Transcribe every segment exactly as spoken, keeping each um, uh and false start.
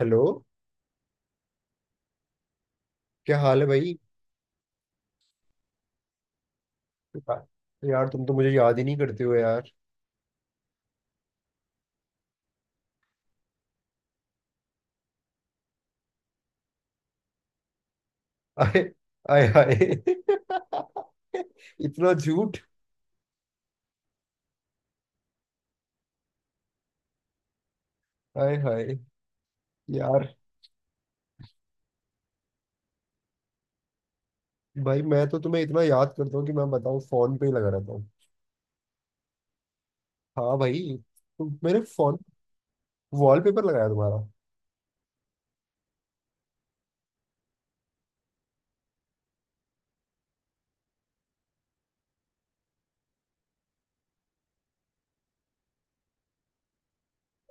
Hello. क्या हाल है भाई? यार यार, तुम तो मुझे याद ही नहीं करते हो यार। आए, आए हाय। इतना झूठ! आए हाय! यार, भाई मैं तो तुम्हें इतना याद करता हूँ कि मैं बताऊँ, फोन पे ही लगा रहता हूँ। हाँ भाई, तुम- मैंने फोन वॉलपेपर लगाया तुम्हारा।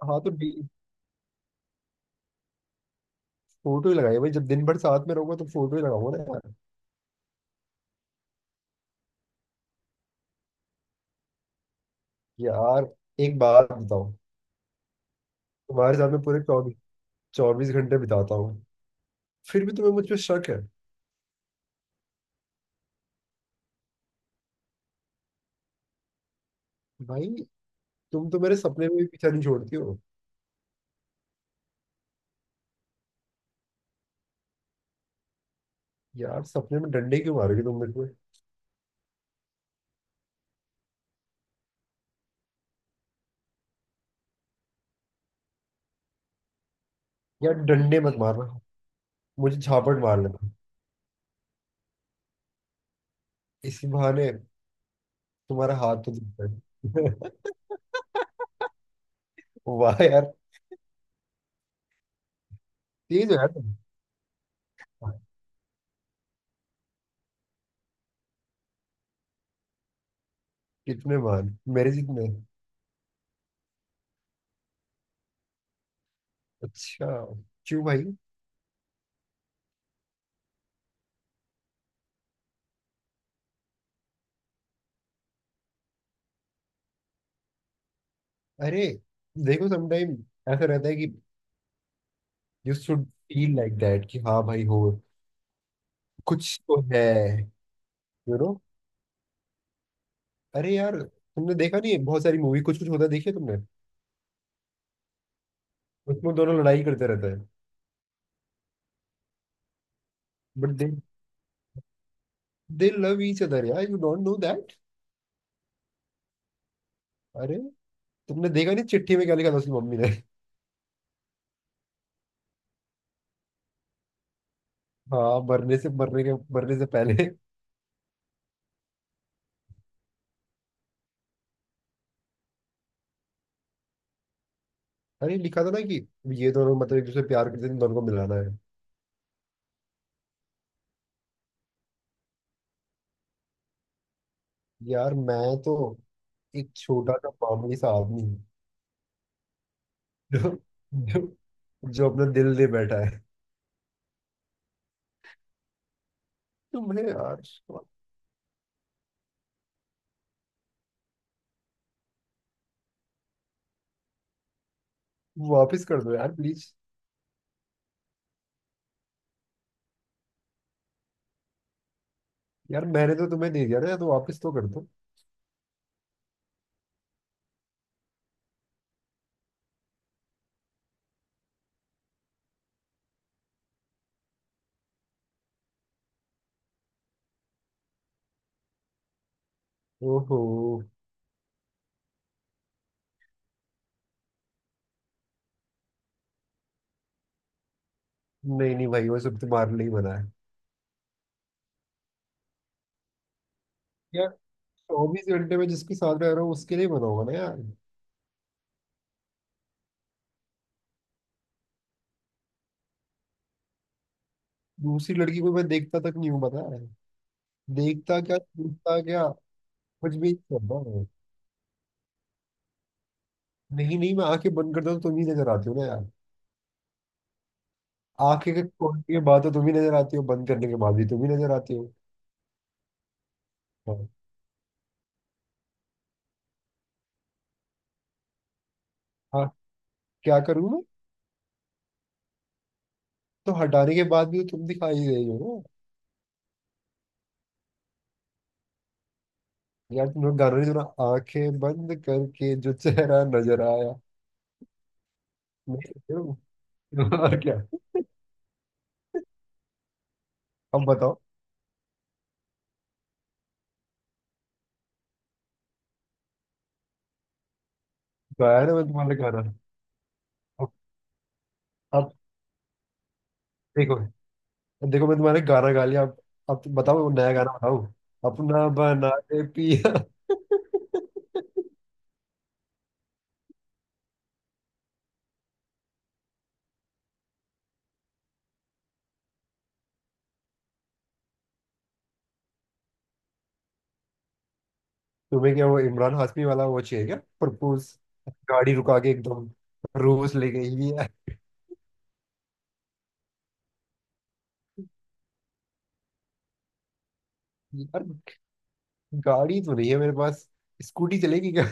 हाँ तो फोटो ही लगाई भाई, जब दिन भर साथ में रहूंगा तो फोटो ही लगाऊंगा ना यार। यार, एक बात बताओ। तुम्हारे साथ में पूरे चौबीस चौबीस घंटे बिताता हूँ, फिर भी तुम्हें मुझ पर शक है। भाई, तुम तो मेरे सपने में भी पीछा नहीं छोड़ती हो। यार, सपने में डंडे क्यों मारोगी तुम मेरे को? यार, डंडे मत मारना, मुझे झापट मार लेना। इसी बहाने तुम्हारा हाथ तो दिखता है। वाह यार, तेज हो यार तुम। कितने मान? मेरे जितने? अच्छा, क्यों भाई? अरे देखो, समटाइम ऐसा रहता है कि you should feel like that, कि हाँ भाई, हो कुछ तो है। यू नो अरे यार, तुमने देखा नहीं है, बहुत सारी मूवी। कुछ कुछ होता है, देखी है तुमने? उसमें दोनों लड़ाई करते रहते हैं। But they they love each other यार, यू डोंट नो दैट। अरे तुमने देखा नहीं, चिट्ठी में क्या लिखा था उसकी मम्मी ने? हाँ, मरने से मरने के मरने से पहले। अरे लिखा था ना कि ये दोनों, मतलब एक दूसरे से प्यार करते थे, इन दोनों को मिलाना है। यार, मैं तो एक छोटा सा मामूली सा आदमी हूँ जो, जो, जो अपना दिल दे बैठा है। तुम्हें यार, वापस कर दो यार प्लीज। यार, मैंने तो तुम्हें दे दिया ना यार, तो वापस तो कर दो। ओहो। नहीं नहीं भाई, वो सब तुम्हारे लिए ही बना है। चौबीस घंटे में जिसके साथ रह रहा हूँ उसके लिए बना होगा ना यार। दूसरी लड़की को मैं देखता तक नहीं हूँ, पता है? देखता क्या, देखता क्या? कुछ भी नहीं करता मैं। नहीं नहीं, मैं आंखें बंद करता हूँ तो तुम ही नजर आती हो ना यार। आंखें के खोलने के बाद तो तुम ही नजर आती हो, बंद करने के बाद भी तुम ही नजर आती हो। हाँ। हाँ, क्या करूँ मैं? तो हटाने के बाद भी तो तुम दिखाई दे रही हो ना। यार, तुम लोग गाना नहीं सुना, आंखें बंद करके जो चेहरा नजर आया? नहीं, सुनते हो? और क्या। अब बताओ। गाया ना मैं तुम्हारा गाना। अब अब देखो, देखो मैं तुम्हारे गाना गा लिया। अब, अब तुम बताओ, नया गाना बताओ। अपना बना के पिया। तुम्हें क्या वो इमरान हाशमी वाला वो चाहिए क्या? प्रपोज, गाड़ी रुका के एकदम। रोज ले गई है। यार, गाड़ी तो नहीं है मेरे पास, स्कूटी चलेगी क्या?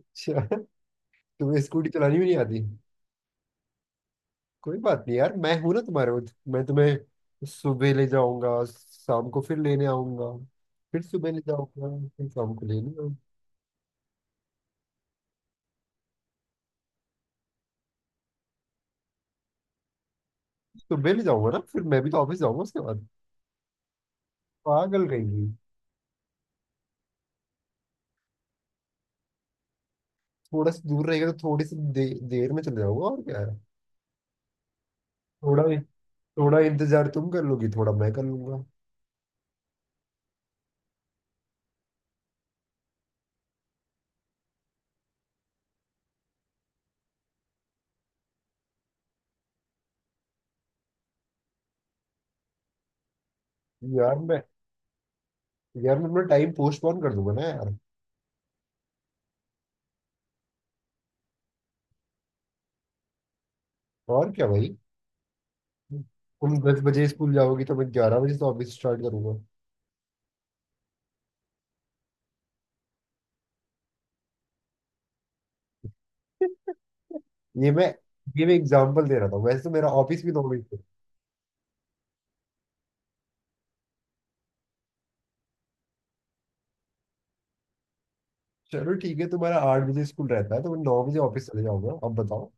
अच्छा, तुम्हें स्कूटी चलानी भी नहीं आती? कोई बात नहीं यार, मैं हूं ना तुम्हारे वो-। मैं तुम्हें सुबह ले जाऊंगा, शाम को फिर लेने आऊंगा, फिर सुबह ले जाऊंगा, फिर शाम को लेने आऊंगा। तो मैं भी जाऊंगा ना, फिर मैं भी तो ऑफिस जाऊंगा उसके बाद। पागल रहेगी। थोड़ा सा दूर रहेगा तो थोड़ी सी दे, देर में चले जाऊंगा, और क्या है। थोड़ा, थोड़ा इंतजार तुम कर लोगी, थोड़ा मैं कर लूंगा। यार मैं यार, मैं अपना टाइम पोस्टपोन कर दूंगा ना यार। और क्या भाई। तुम दस बजे स्कूल जाओगी तो मैं ग्यारह बजे से ऑफिस स्टार्ट करूंगा। ये मैं ये मैं एग्जाम्पल दे रहा था, वैसे तो मेरा ऑफिस भी नौ बजे से-। चलो ठीक है, तुम्हारा आठ बजे स्कूल रहता है तो मैं नौ बजे ऑफिस चले जाऊंगा, अब बताओ।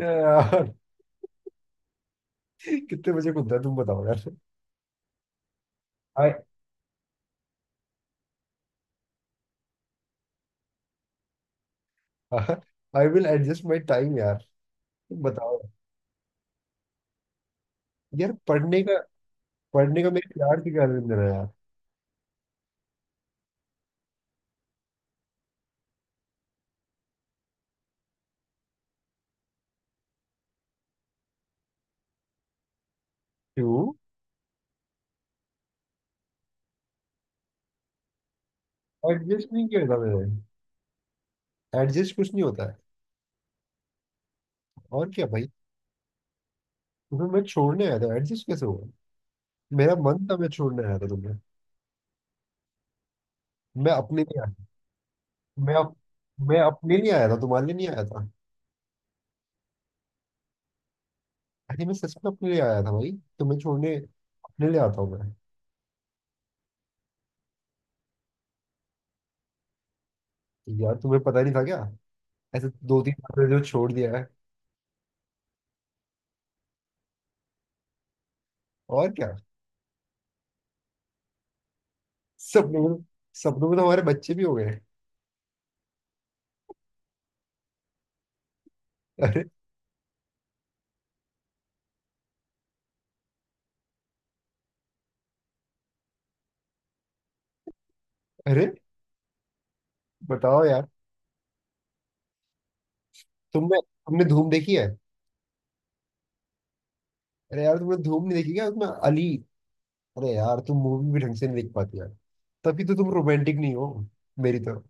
यार कितने बजे खुलता है तुम बताओ यार। आई विल एडजस्ट माई टाइम यार, तुम बताओ। यार पढ़ने का पढ़ने का मेरे प्यार की क्या दिन है यार। क्यों? एडजस्ट नहीं किया था मैंने, एडजस्ट कुछ नहीं होता है। और क्या भाई, तुम्हें मैं छोड़ने आया था, एडजस्ट कैसे हुआ? मेरा मन था, मैं छोड़ने आया था तुम्हें। मैं अपने लिए आया। मैं अप, मैं अपने लिए आया था, तुम्हारे लिए नहीं आया था। अरे, मैं सच में अपने लिए आया था भाई। तुम्हें छोड़ने अपने लिए आता हूँ मैं। यार, तुम्हें पता नहीं था क्या? ऐसे दो तीन बार मैंने जो छोड़ दिया है। और क्या। सपनों में। सपनों में तो हमारे बच्चे भी हो गए। अरे बताओ यार, तुमने तुमने धूम देखी है? अरे यार, तुमने धूम नहीं देखी क्या? उसमें अली। अरे यार, तुम मूवी भी ढंग से नहीं देख पाती यार, तभी तो तुम रोमांटिक नहीं हो मेरी तरह।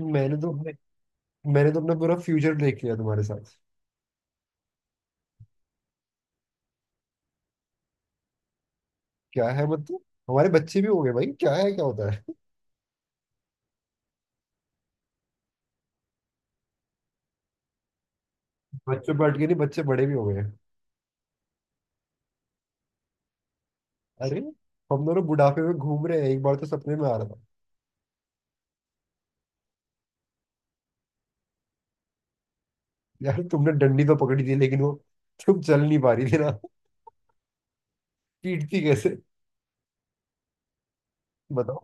मैंने तो अपने मैंने तो अपना पूरा फ्यूचर देख लिया तुम्हारे साथ। क्या है मतलब, हमारे बच्चे भी हो गए भाई, क्या है, क्या होता है। बच्चे बैठ के नहीं, बच्चे बड़े भी हो गए हैं। अरे, हम दोनों बुढ़ापे में घूम रहे हैं, एक बार तो सपने में आ रहा था। यार, तुमने डंडी तो पकड़ी थी, लेकिन वो तुम चल नहीं पा रही थी ना। पीटती कैसे? बताओ।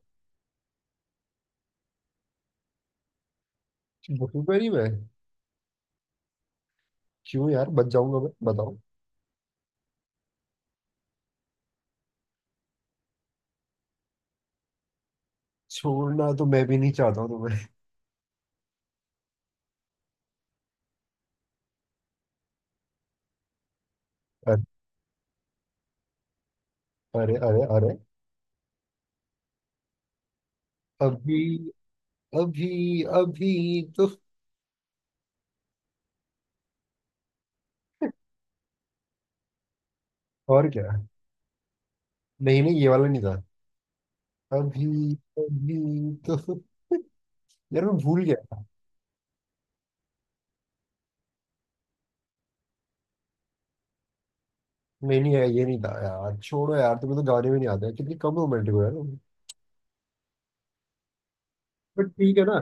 बखूबा नहीं मैं। क्यों यार, बच जाऊंगा मैं, बताओ। छोड़ना तो मैं भी नहीं चाहता हूँ तुम्हें। अरे, अरे, अरे। अरे अभी अभी अभी तो। और क्या। नहीं नहीं, ये वाला नहीं था। अभी, अभी तो यार, मैं भूल गया। नहीं नहीं, ये नहीं था यार, छोड़ो यार, तुम्हें तो गाने भी नहीं आते हैं। कितनी कम रोमांटिक हो यार तुम। बट ठीक है ना।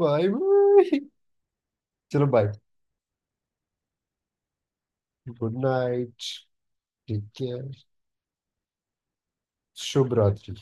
Bye bye. चलो बाय। Good night. ठीक है। शुभ रात्रि।